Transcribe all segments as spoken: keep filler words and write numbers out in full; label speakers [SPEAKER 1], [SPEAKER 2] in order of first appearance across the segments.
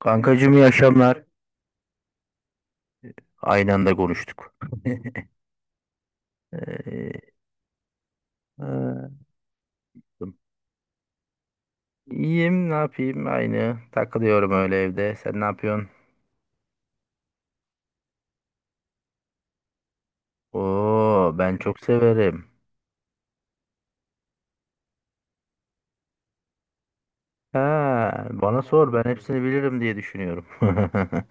[SPEAKER 1] Kankacığım iyi akşamlar. Aynı anda konuştuk. Ee, ha, İyiyim ne yapayım aynı. Takılıyorum öyle evde. Sen ne yapıyorsun? Oo ben çok severim. Ha, bana sor ben hepsini bilirim diye düşünüyorum.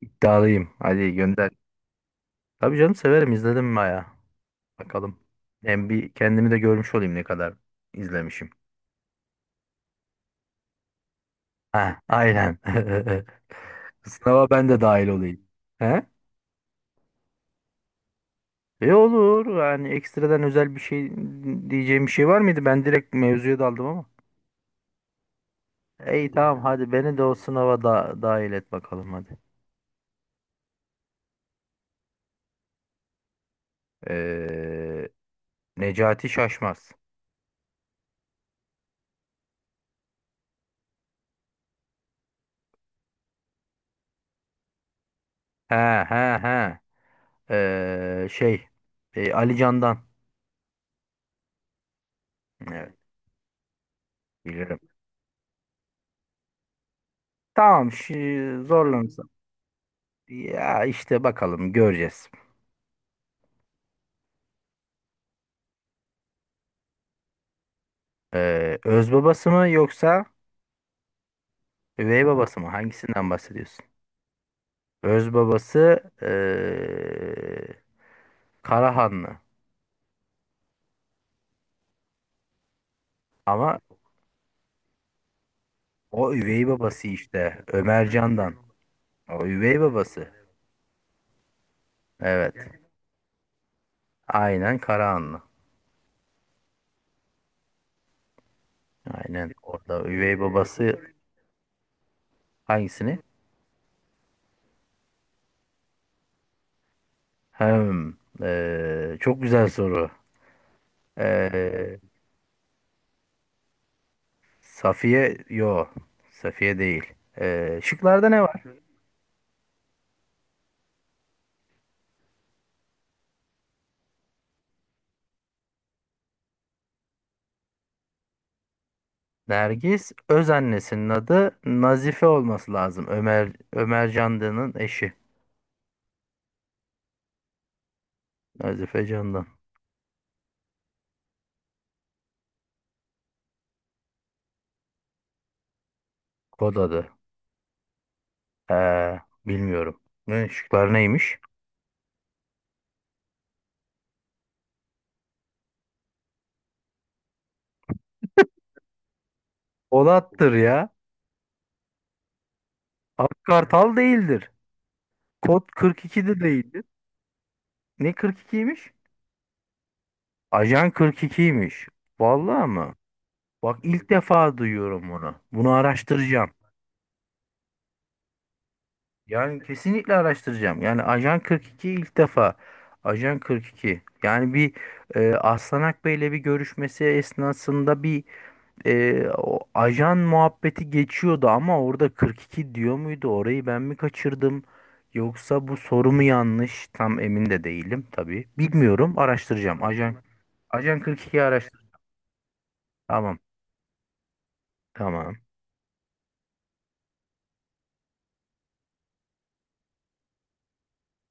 [SPEAKER 1] İddialıyım. Hadi gönder. Tabii canım severim izledim baya. Bakalım. Hem bir kendimi de görmüş olayım ne kadar izlemişim. Ha, aynen. Sınava ben de dahil olayım. He? E olur. Yani ekstradan özel bir şey diyeceğim bir şey var mıydı? Ben direkt mevzuya daldım ama. İyi tamam hadi beni de o sınava da dahil et bakalım hadi. Ee, Necati Şaşmaz. He he he. Ee, şey. e, Ali Can'dan. Evet bilirim. Tamam şi, zorlanırsam. Ya işte bakalım göreceğiz. Ee, öz babası mı yoksa üvey babası mı? Hangisinden bahsediyorsun? Öz babası ee, Karahanlı. Ama o üvey babası işte. Ömer Candan. O üvey babası. Evet. Aynen Karahanlı. Aynen. Orada üvey babası hangisini? Hem. eee, çok güzel soru. Eee, Safiye. Yo. Safiye değil. Eee, şıklarda ne var? Nergis Özannesinin adı Nazife olması lazım. Ömer Ömer Candan'ın eşi. Nazife Candan. Kod adı. Eee, bilmiyorum. Ne, şıklar neymiş? Polat'tır ya. Ak Kartal değildir. Kod kırk ikide değildir. Ne kırk ikiymiş? Ajan kırk ikiymiş. Vallahi mı? Bak ilk defa duyuyorum bunu. Bunu araştıracağım. Yani kesinlikle araştıracağım. Yani Ajan kırk iki ilk defa. Ajan kırk iki. Yani bir e, Aslanak Bey'le bir görüşmesi esnasında bir e, o ajan muhabbeti geçiyordu ama orada kırk iki diyor muydu? Orayı ben mi kaçırdım? Yoksa bu soru mu yanlış? Tam emin de değilim tabii. Bilmiyorum. Araştıracağım. Ajan Ajan kırk ikiyi araştır. Tamam. Tamam.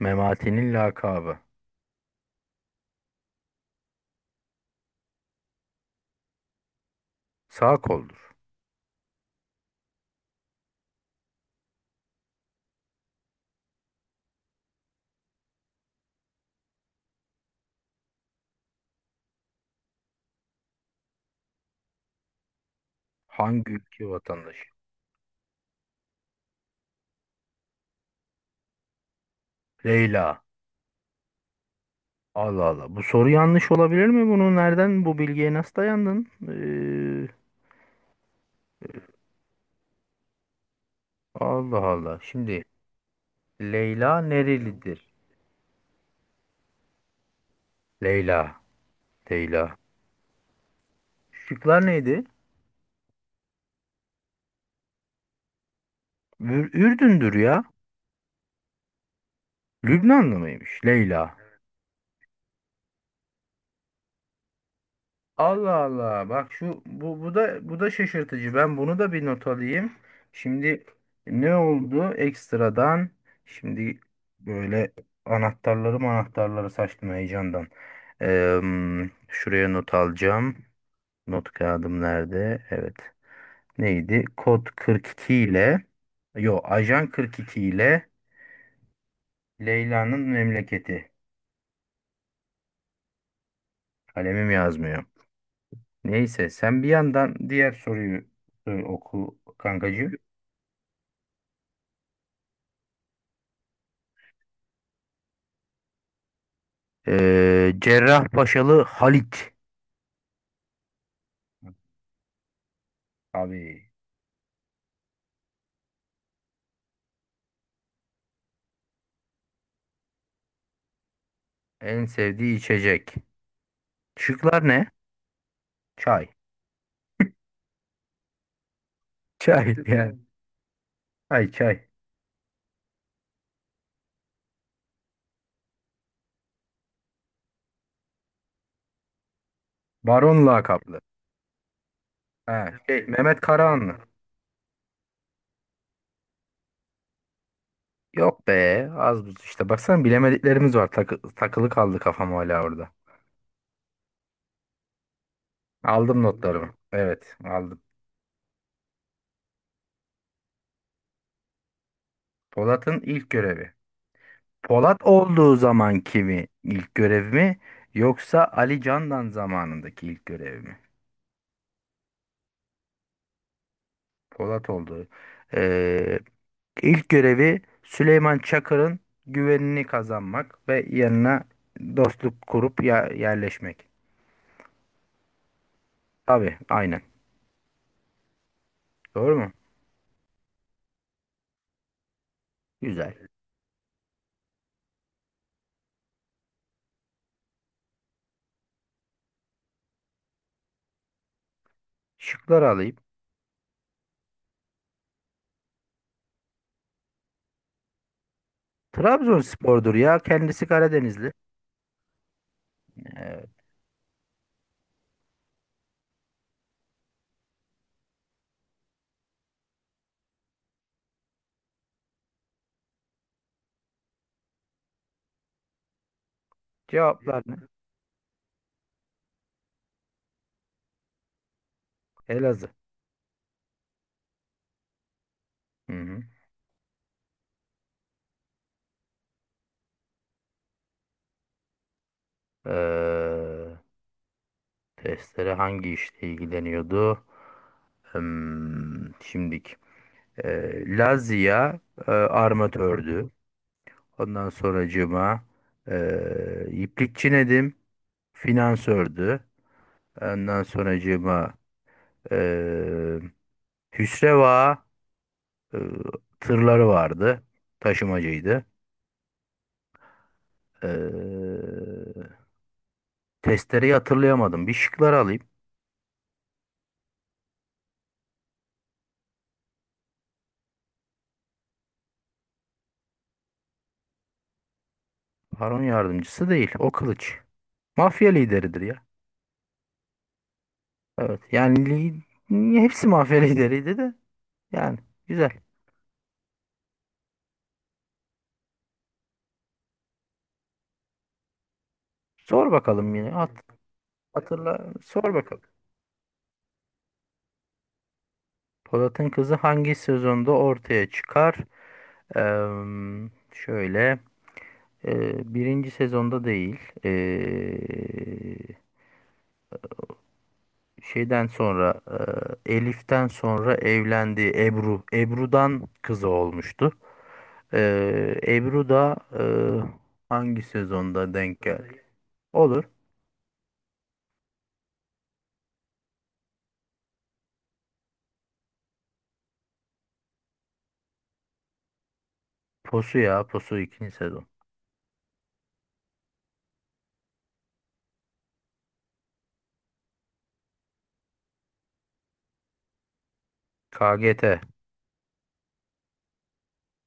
[SPEAKER 1] Memati'nin lakabı. Sağ koldur. Hangi ülke vatandaşı? Leyla. Allah Allah. Bu soru yanlış olabilir mi? Bunu nereden bu bilgiye nasıl dayandın? Ee, Allah Allah. Şimdi Leyla nerelidir? Leyla. Leyla. Şıklar neydi? Ür- Ürdün'dür ya. Lübnanlı mıymış Leyla? Allah Allah. Bak şu bu bu da bu da şaşırtıcı. Ben bunu da bir not alayım. Şimdi ne oldu ekstradan? Şimdi böyle anahtarları anahtarları saçtım heyecandan. Eee, şuraya not alacağım. Not kağıdım nerede? Evet. Neydi? Kod kırk iki ile Yo, Ajan kırk iki ile Leyla'nın memleketi. Kalemim yazmıyor. Neyse sen bir yandan diğer soruyu e, oku kankacığım. Ee, Cerrahpaşalı Halit. Abi en sevdiği içecek. Şıklar ne? Çay. Çay yani. Çay çay. Baron lakaplı. Ha, şey, Mehmet Karahanlı. Yok be az buz işte. Baksana bilemediklerimiz var. Takı- takılı kaldı kafam hala orada. Aldım notlarımı. Evet aldım. Polat'ın ilk görevi. Polat olduğu zamanki mi ilk görev mi yoksa Ali Candan zamanındaki ilk görev mi? Polat olduğu. Ee, ilk görevi Süleyman Çakır'ın güvenini kazanmak ve yanına dostluk kurup ya yerleşmek. Tabii aynen. Doğru mu? Güzel. Şıkları alayım. Trabzonspor'dur ya. Kendisi Karadenizli. Evet. Cevaplar ne? Elazığ. Hı hı. Testere hangi işle ilgileniyordu? Hmm, şimdik. Ee, Lazia e, armatördü. Ondan sonracığıma e, iplikçi Nedim finansördü. Ondan sonracığıma e, Hüsreva e, tırları vardı. Taşımacıydı. E, testereyi hatırlayamadım. Bir şıkları alayım. Baron yardımcısı değil. O kılıç. Mafya lideridir ya. Evet. Yani li- hepsi mafya lideriydi de. Yani güzel. Sor bakalım yine. Hat, hatırla. Sor bakalım. Polat'ın kızı hangi sezonda ortaya çıkar? Eee, şöyle. eee, birinci sezonda değil. Eee, şeyden sonra eee, Elif'ten sonra evlendiği Ebru. Ebru'dan kızı olmuştu. Eee, Ebru da eee, hangi sezonda denk geldi? Olur. Posu ya. Posu ikinci sezon. K G T.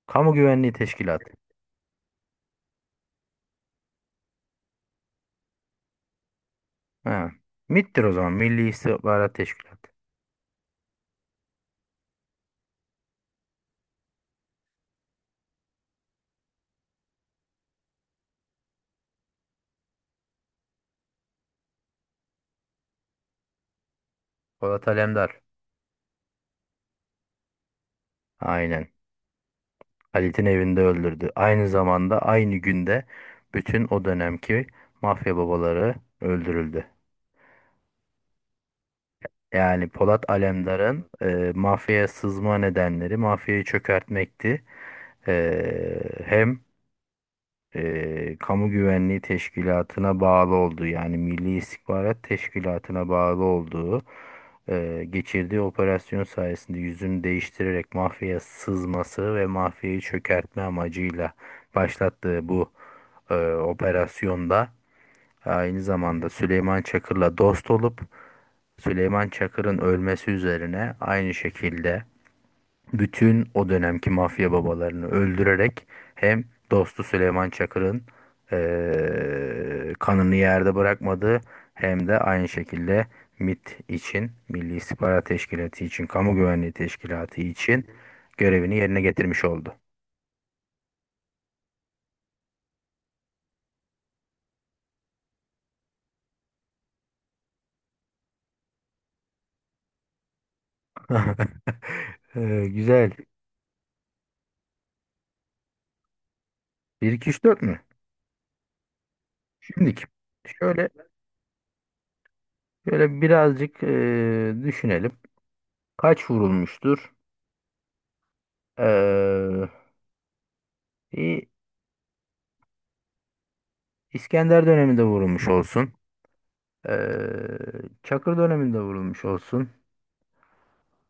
[SPEAKER 1] Kamu Güvenliği Teşkilatı. Ha. MİT'tir o zaman. Milli İstihbarat Teşkilatı. Polat Alemdar. Aynen. Halit'in evinde öldürdü. Aynı zamanda aynı günde bütün o dönemki mafya babaları öldürüldü. Yani Polat Alemdar'ın e, mafyaya sızma nedenleri mafyayı çökertmekti. E, hem e, Kamu Güvenliği Teşkilatı'na bağlı olduğu yani Milli İstihbarat Teşkilatı'na bağlı olduğu e, geçirdiği operasyon sayesinde yüzünü değiştirerek mafyaya sızması ve mafyayı çökertme amacıyla başlattığı bu e, operasyonda aynı zamanda Süleyman Çakır'la dost olup Süleyman Çakır'ın ölmesi üzerine aynı şekilde bütün o dönemki mafya babalarını öldürerek hem dostu Süleyman Çakır'ın eee, kanını yerde bırakmadı hem de aynı şekilde M İ T için Milli İstihbarat Teşkilatı için Kamu Güvenliği Teşkilatı için görevini yerine getirmiş oldu. Eee, güzel. bir iki üç dört mü? Şimdiki. Şöyle şöyle birazcık eee, düşünelim. Kaç vurulmuştur? Eee, İ- İskender döneminde vurulmuş olsun. Eee, Çakır döneminde vurulmuş olsun.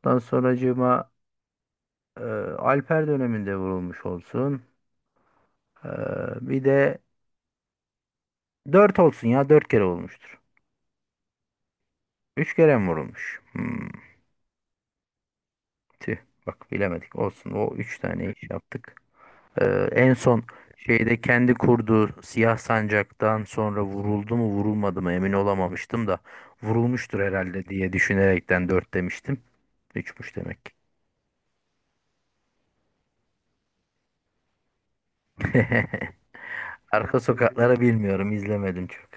[SPEAKER 1] Ondan sonracığıma eee, Alper döneminde vurulmuş olsun. Eee, bir de dört olsun ya dört kere olmuştur. Üç kere mi vurulmuş? Hmm, tüh bak bilemedik olsun. O üç tane iş yaptık. Eee, en son şeyde kendi kurduğu siyah sancaktan sonra vuruldu mu vurulmadı mı emin olamamıştım da vurulmuştur herhalde diye düşünerekten dört demiştim. Üçmüş demek. Arka sokakları bilmiyorum, izlemedim çok.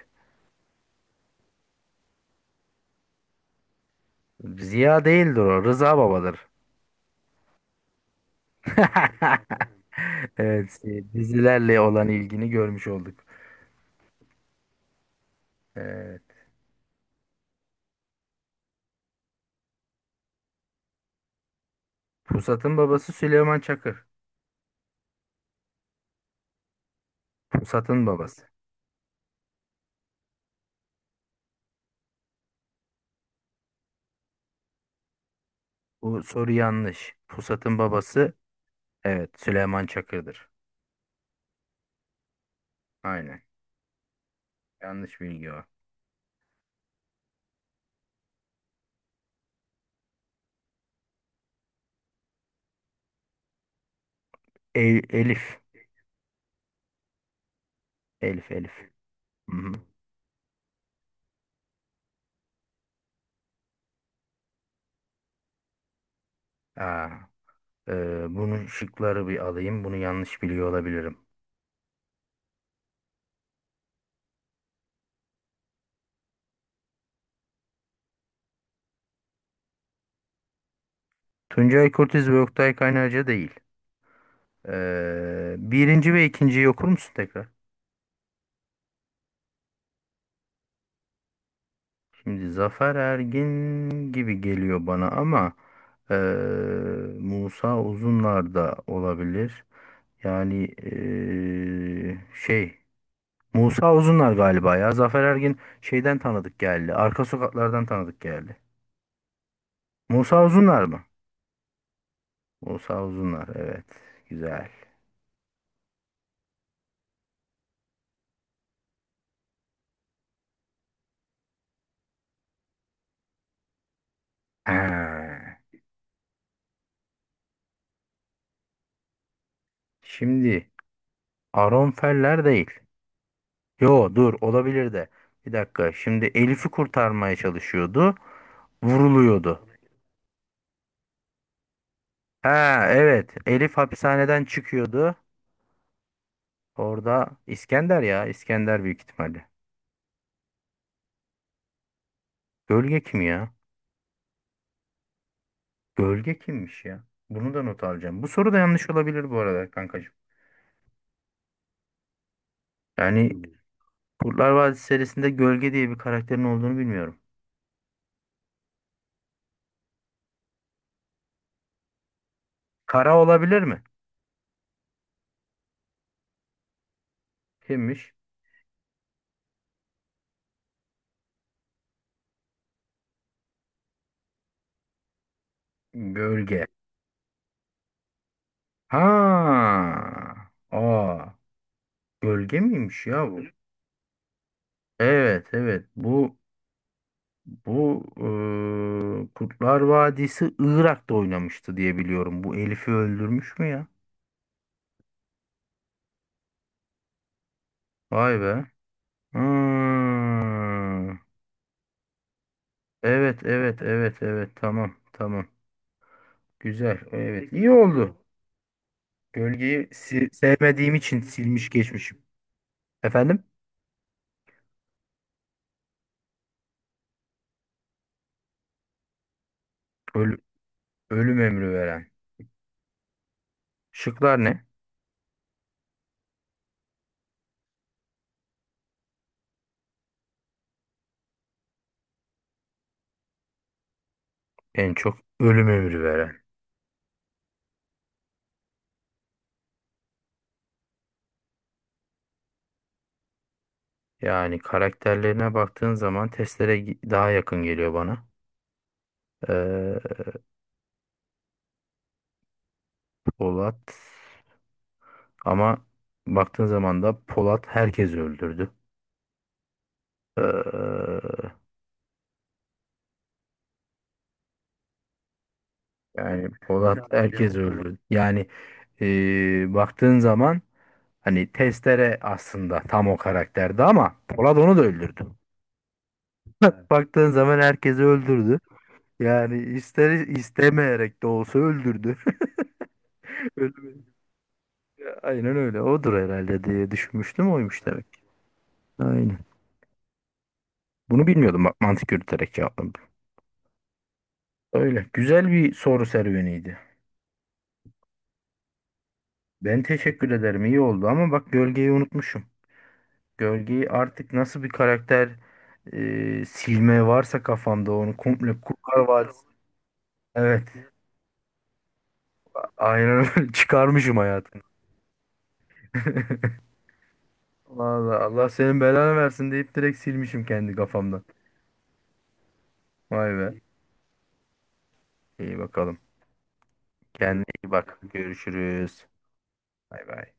[SPEAKER 1] Ziya değildir o, Rıza Baba'dır. Evet, e, dizilerle olan ilgini görmüş olduk. Evet. Pusat'ın babası Süleyman Çakır. Pusat'ın babası. Bu soru yanlış. Pusat'ın babası evet Süleyman Çakır'dır. Aynen. Yanlış bilgi o. El- Elif. Elif, Elif. Hı-hı. Aa, e, bunun şıkları bir alayım. Bunu yanlış biliyor olabilirim. Tuncay Kurtiz ve Oktay Kaynarca değil. Ee, birinci ve ikinciyi okur musun tekrar? Şimdi Zafer Ergin gibi geliyor bana ama ee, Musa Uzunlar da olabilir. Yani ee, şey Musa Uzunlar galiba ya. Zafer Ergin şeyden tanıdık geldi. Arka sokaklardan tanıdık geldi. Musa Uzunlar mı? Musa Uzunlar evet. Güzel. Ha. Şimdi Aron Feller değil. Yo dur olabilir de. Bir dakika. Şimdi Elif'i kurtarmaya çalışıyordu. Vuruluyordu. Ha evet. Elif hapishaneden çıkıyordu. Orada İskender ya. İskender büyük ihtimalle. Gölge kim ya? Gölge kimmiş ya? Bunu da not alacağım. Bu soru da yanlış olabilir bu arada kankacığım. Yani Hmm. Kurtlar Vadisi serisinde Gölge diye bir karakterin olduğunu bilmiyorum. Kara olabilir mi? Kimmiş? Gölge. Ha. Aa. Gölge miymiş ya bu? Evet evet bu bu eee, Kurtlar Vadisi Irak'ta oynamıştı diye biliyorum. Bu Elif'i öldürmüş mü ya? Vay be. Hmm. Evet evet evet evet tamam tamam. Güzel evet iyi oldu. Gölgeyi si- sevmediğim için silmiş geçmişim. Efendim? Ölü- ölüm emri veren. Şıklar ne? En çok ölüm emri veren. Yani karakterlerine baktığın zaman testlere gi- daha yakın geliyor bana. Polat ama baktığın zaman da Polat herkesi öldürdü. Ee, yani Polat yani herkesi öldürdü. Yani ee, baktığın zaman hani Testere aslında tam o karakterdi ama Polat onu da öldürdü. Baktığın zaman herkesi öldürdü. Yani ister istemeyerek de olsa öldürdü. Ölüm- Aynen öyle. Odur herhalde diye düşünmüştüm. Oymuş demek. Aynen. Bunu bilmiyordum bak mantık yürüterek cevapladım. Öyle. Güzel bir soru serüveniydi. Ben teşekkür ederim. İyi oldu ama bak Gölgeyi unutmuşum. Gölgeyi artık nasıl bir karakter e, silme varsa kafamda onu komple Kurtlar Vadisi. Evet. a- Aynen öyle. çıkarmışım hayatım. Vallahi Allah senin belanı versin deyip direkt silmişim kendi kafamdan. Vay be. İyi bakalım. Kendine iyi bak. Görüşürüz. Bay bay.